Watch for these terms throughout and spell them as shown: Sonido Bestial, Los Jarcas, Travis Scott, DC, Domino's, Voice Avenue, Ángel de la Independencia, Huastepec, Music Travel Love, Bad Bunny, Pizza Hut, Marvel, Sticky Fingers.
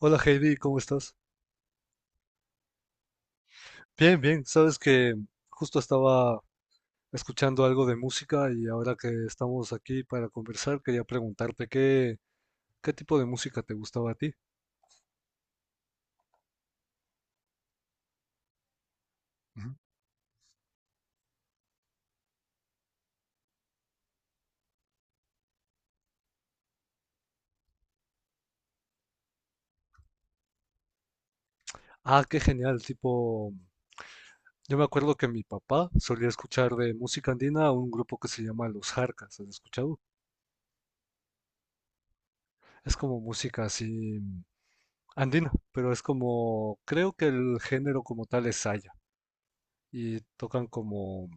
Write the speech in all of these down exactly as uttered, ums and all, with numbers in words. Hola Heidi, ¿cómo estás? Bien, bien. Sabes que justo estaba escuchando algo de música y ahora que estamos aquí para conversar, quería preguntarte qué, qué tipo de música te gustaba a ti. Ujú. Ah, qué genial. Tipo, yo me acuerdo que mi papá solía escuchar de música andina a un grupo que se llama Los Jarcas. ¿Has escuchado? Es como música así andina, pero es como, creo que el género como tal es saya y tocan como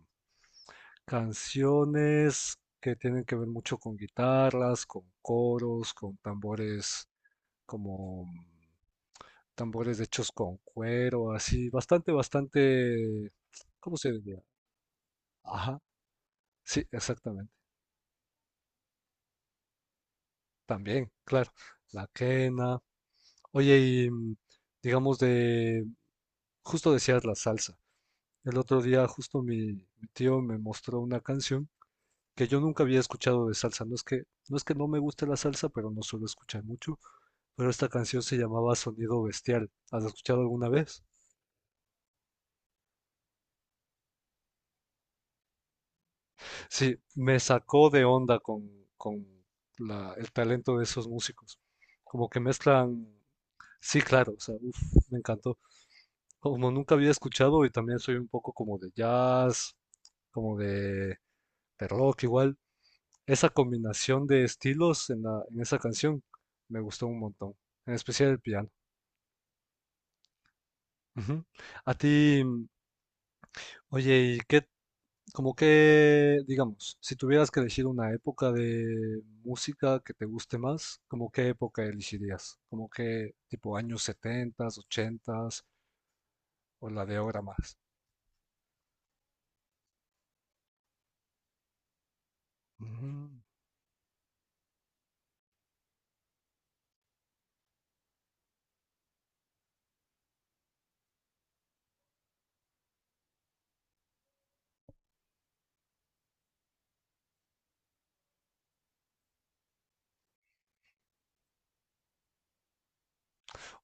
canciones que tienen que ver mucho con guitarras, con coros, con tambores como mm, tambores hechos con cuero, así, bastante, bastante, ¿cómo se diría? Ajá, sí, exactamente. También, claro, la quena. Oye, y mm, digamos de, justo decías la salsa. El otro día justo mi mi tío me mostró una canción que yo nunca había escuchado de salsa. No es que, no es que no me guste la salsa, pero no suelo escuchar mucho. Pero esta canción se llamaba Sonido Bestial. ¿Has escuchado alguna vez? Sí, me sacó de onda con, con la- el talento de esos músicos. Como que mezclan. Sí, claro, o sea, uf, me encantó. Como nunca había escuchado y también soy un poco como de jazz, como de, de rock igual. Esa combinación de estilos en la, en esa canción me gustó un montón, en especial el piano. Ujú. A ti, mm, oye, ¿y qué, como que, digamos, si tuvieras que elegir una época de música que te guste más, como qué época elegirías? ¿Como que tipo años setenta, ochenta o la de ahora más? Ujú.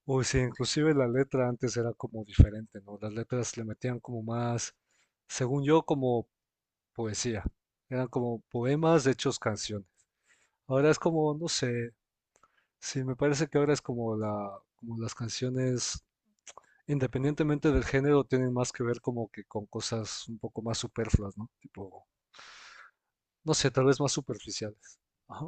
Uy, sí, inclusive la letra antes era como diferente, ¿no? Las letras le metían como más, según yo, como poesía. Eran como poemas hechos canción. Ahora es como, no sé, sí, me parece que ahora es como la, como las canciones, independientemente del género, tienen más que ver como que con cosas un poco más superfluas, ¿no? Tipo, no sé, tal vez más superficiales. Ajá.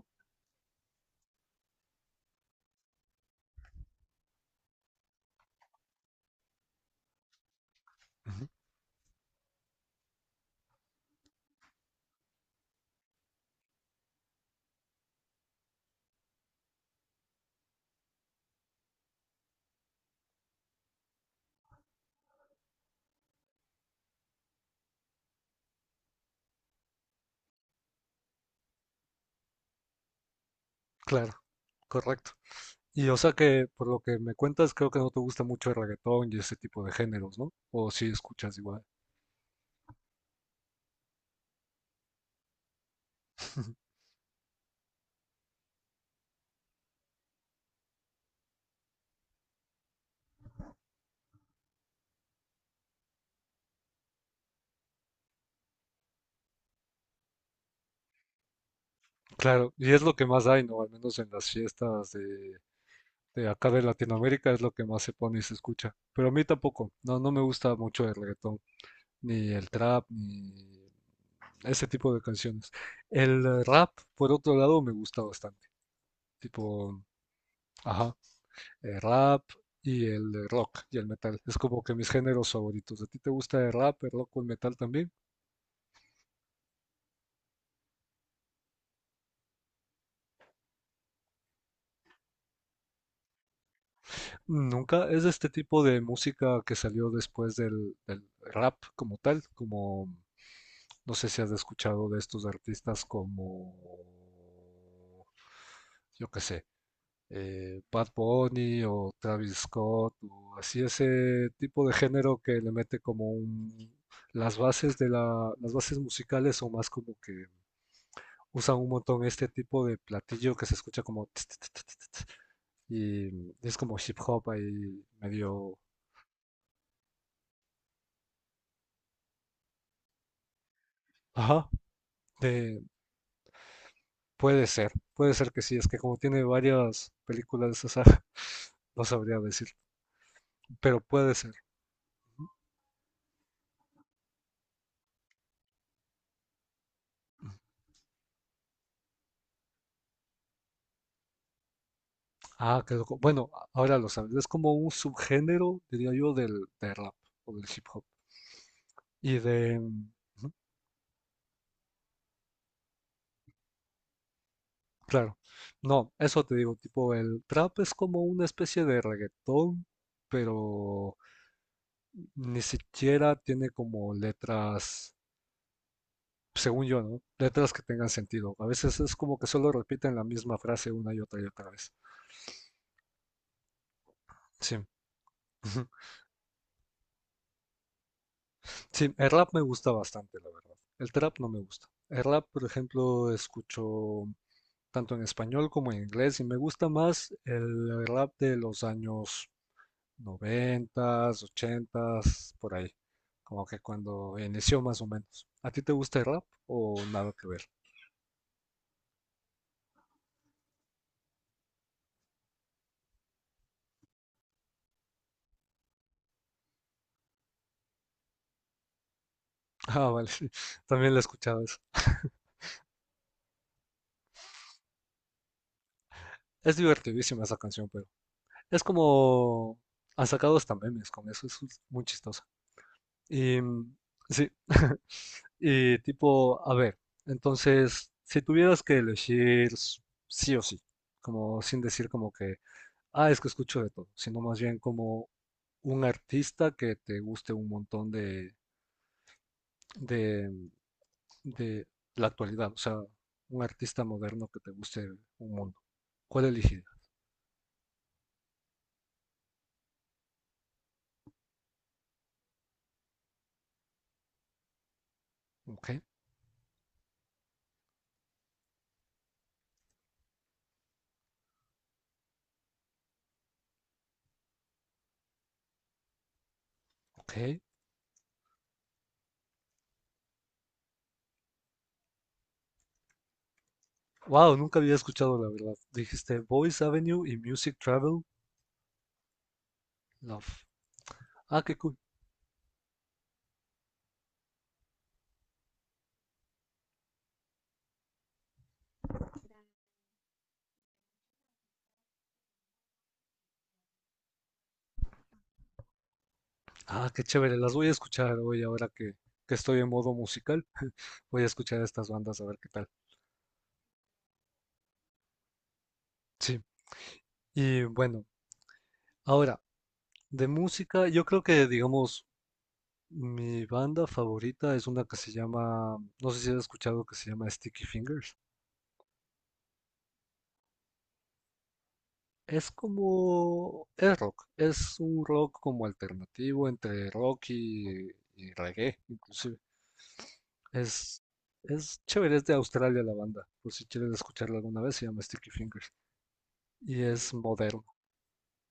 Ujú. Claro, correcto. Y o sea que por lo que me cuentas, creo que no te gusta mucho el reggaetón y ese tipo de géneros, ¿no? O si escuchas igual. Claro, y es lo que más hay, ¿no? Al menos en las fiestas de, de acá de Latinoamérica es lo que más se pone y se escucha. Pero a mí tampoco, no, no me gusta mucho el reggaetón, ni el trap, ni ese tipo de canciones. El eh, rap, por otro lado, me gusta bastante. Tipo, ajá, el rap y el rock y el metal. Es como que mis géneros favoritos. ¿A ti te gusta el rap, el rock o el metal también? Nunca. Es este tipo de música que salió después del, del rap como tal, como... No sé si has escuchado de estos artistas como, yo qué sé, eh, Bad Bunny o Travis Scott, o así ese tipo de género que le mete como un, las bases de la, las bases musicales son más como que usan un montón este tipo de platillo que se escucha como tss, tss, tss, tss, tss, y mm, es como hip hop ahí medio, ajá, de- puede ser, puede ser que sí, es que como tiene varias películas, o sea, no sabría decir, pero puede ser. Ah, qué loco. Bueno, a- ahora lo sabes. Es como un subgénero, diría yo, del, del rap o del hip hop. Y de, mm, claro, no, eso te digo, tipo, el trap es como una especie de reggaetón, pero ni siquiera tiene como letras, según yo, ¿no? Letras que tengan sentido. A veces es como que solo repiten la misma frase una y otra y otra vez. Sí. Ujú. Sí, el rap me gusta bastante, la verdad. El trap no me gusta. El rap, por ejemplo, escucho tanto en español como en inglés, y me gusta más el rap de los años noventas, ochentas, por ahí, como que cuando inició más o menos. ¿A ti te gusta el rap o nada que ver? Ah, vale, sí, también la escuchaba esa. Es divertidísima esa canción, pero es como han sacado hasta memes con eso, es muy chistosa. Y mm, sí, y tipo, a ver, entonces, si tuvieras que elegir s- sí o sí, como sin decir como que ah, es que escucho de todo, sino más bien como un artista que te guste un montón de, de, de la actualidad, o sea, un artista moderno que te guste un mundo. ¿Cuál elegiría? Ok, ok. Wow, nunca había escuchado la verdad. Dijiste Voice Avenue y Music Travel Love. Ah, qué cool. Ah, qué chévere. Las voy a escuchar hoy ahora que, que estoy en modo musical. Voy a escuchar estas bandas a ver qué tal. Sí. Y bueno, ahora, de música, yo creo que digamos mi banda favorita es una que se llama, no sé si has escuchado, que se llama Sticky Fingers. Es como, es rock, es un rock como alternativo entre rock y, y reggae, inclusive. Es, es chévere, es de Australia la banda, por si quieres escucharla alguna vez, se llama Sticky Fingers. Y es moderno,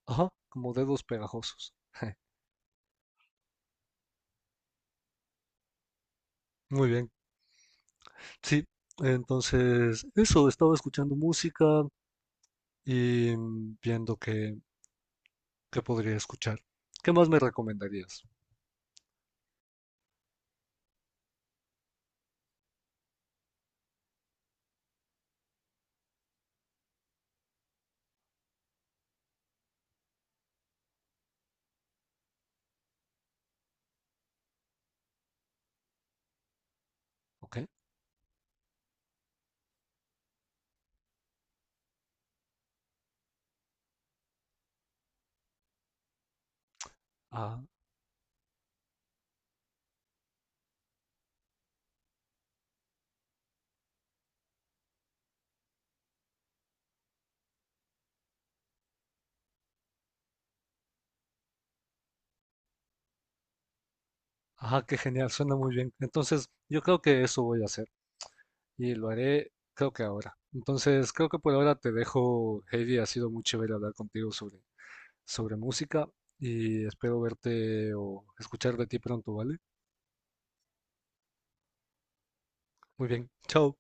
ajá, como dedos pegajosos. Muy bien, sí, entonces eso, estaba escuchando música y mm, viendo que que podría escuchar. ¿Qué más me recomendarías? Ok. Ah, ajá, qué genial, suena muy bien. Entonces, yo creo que eso voy a hacer y lo haré, creo que ahora. Entonces, creo que por ahora te dejo, Heidi. Ha sido muy chévere hablar contigo sobre, sobre música y espero verte o escuchar de ti pronto, ¿vale? Muy bien, chao.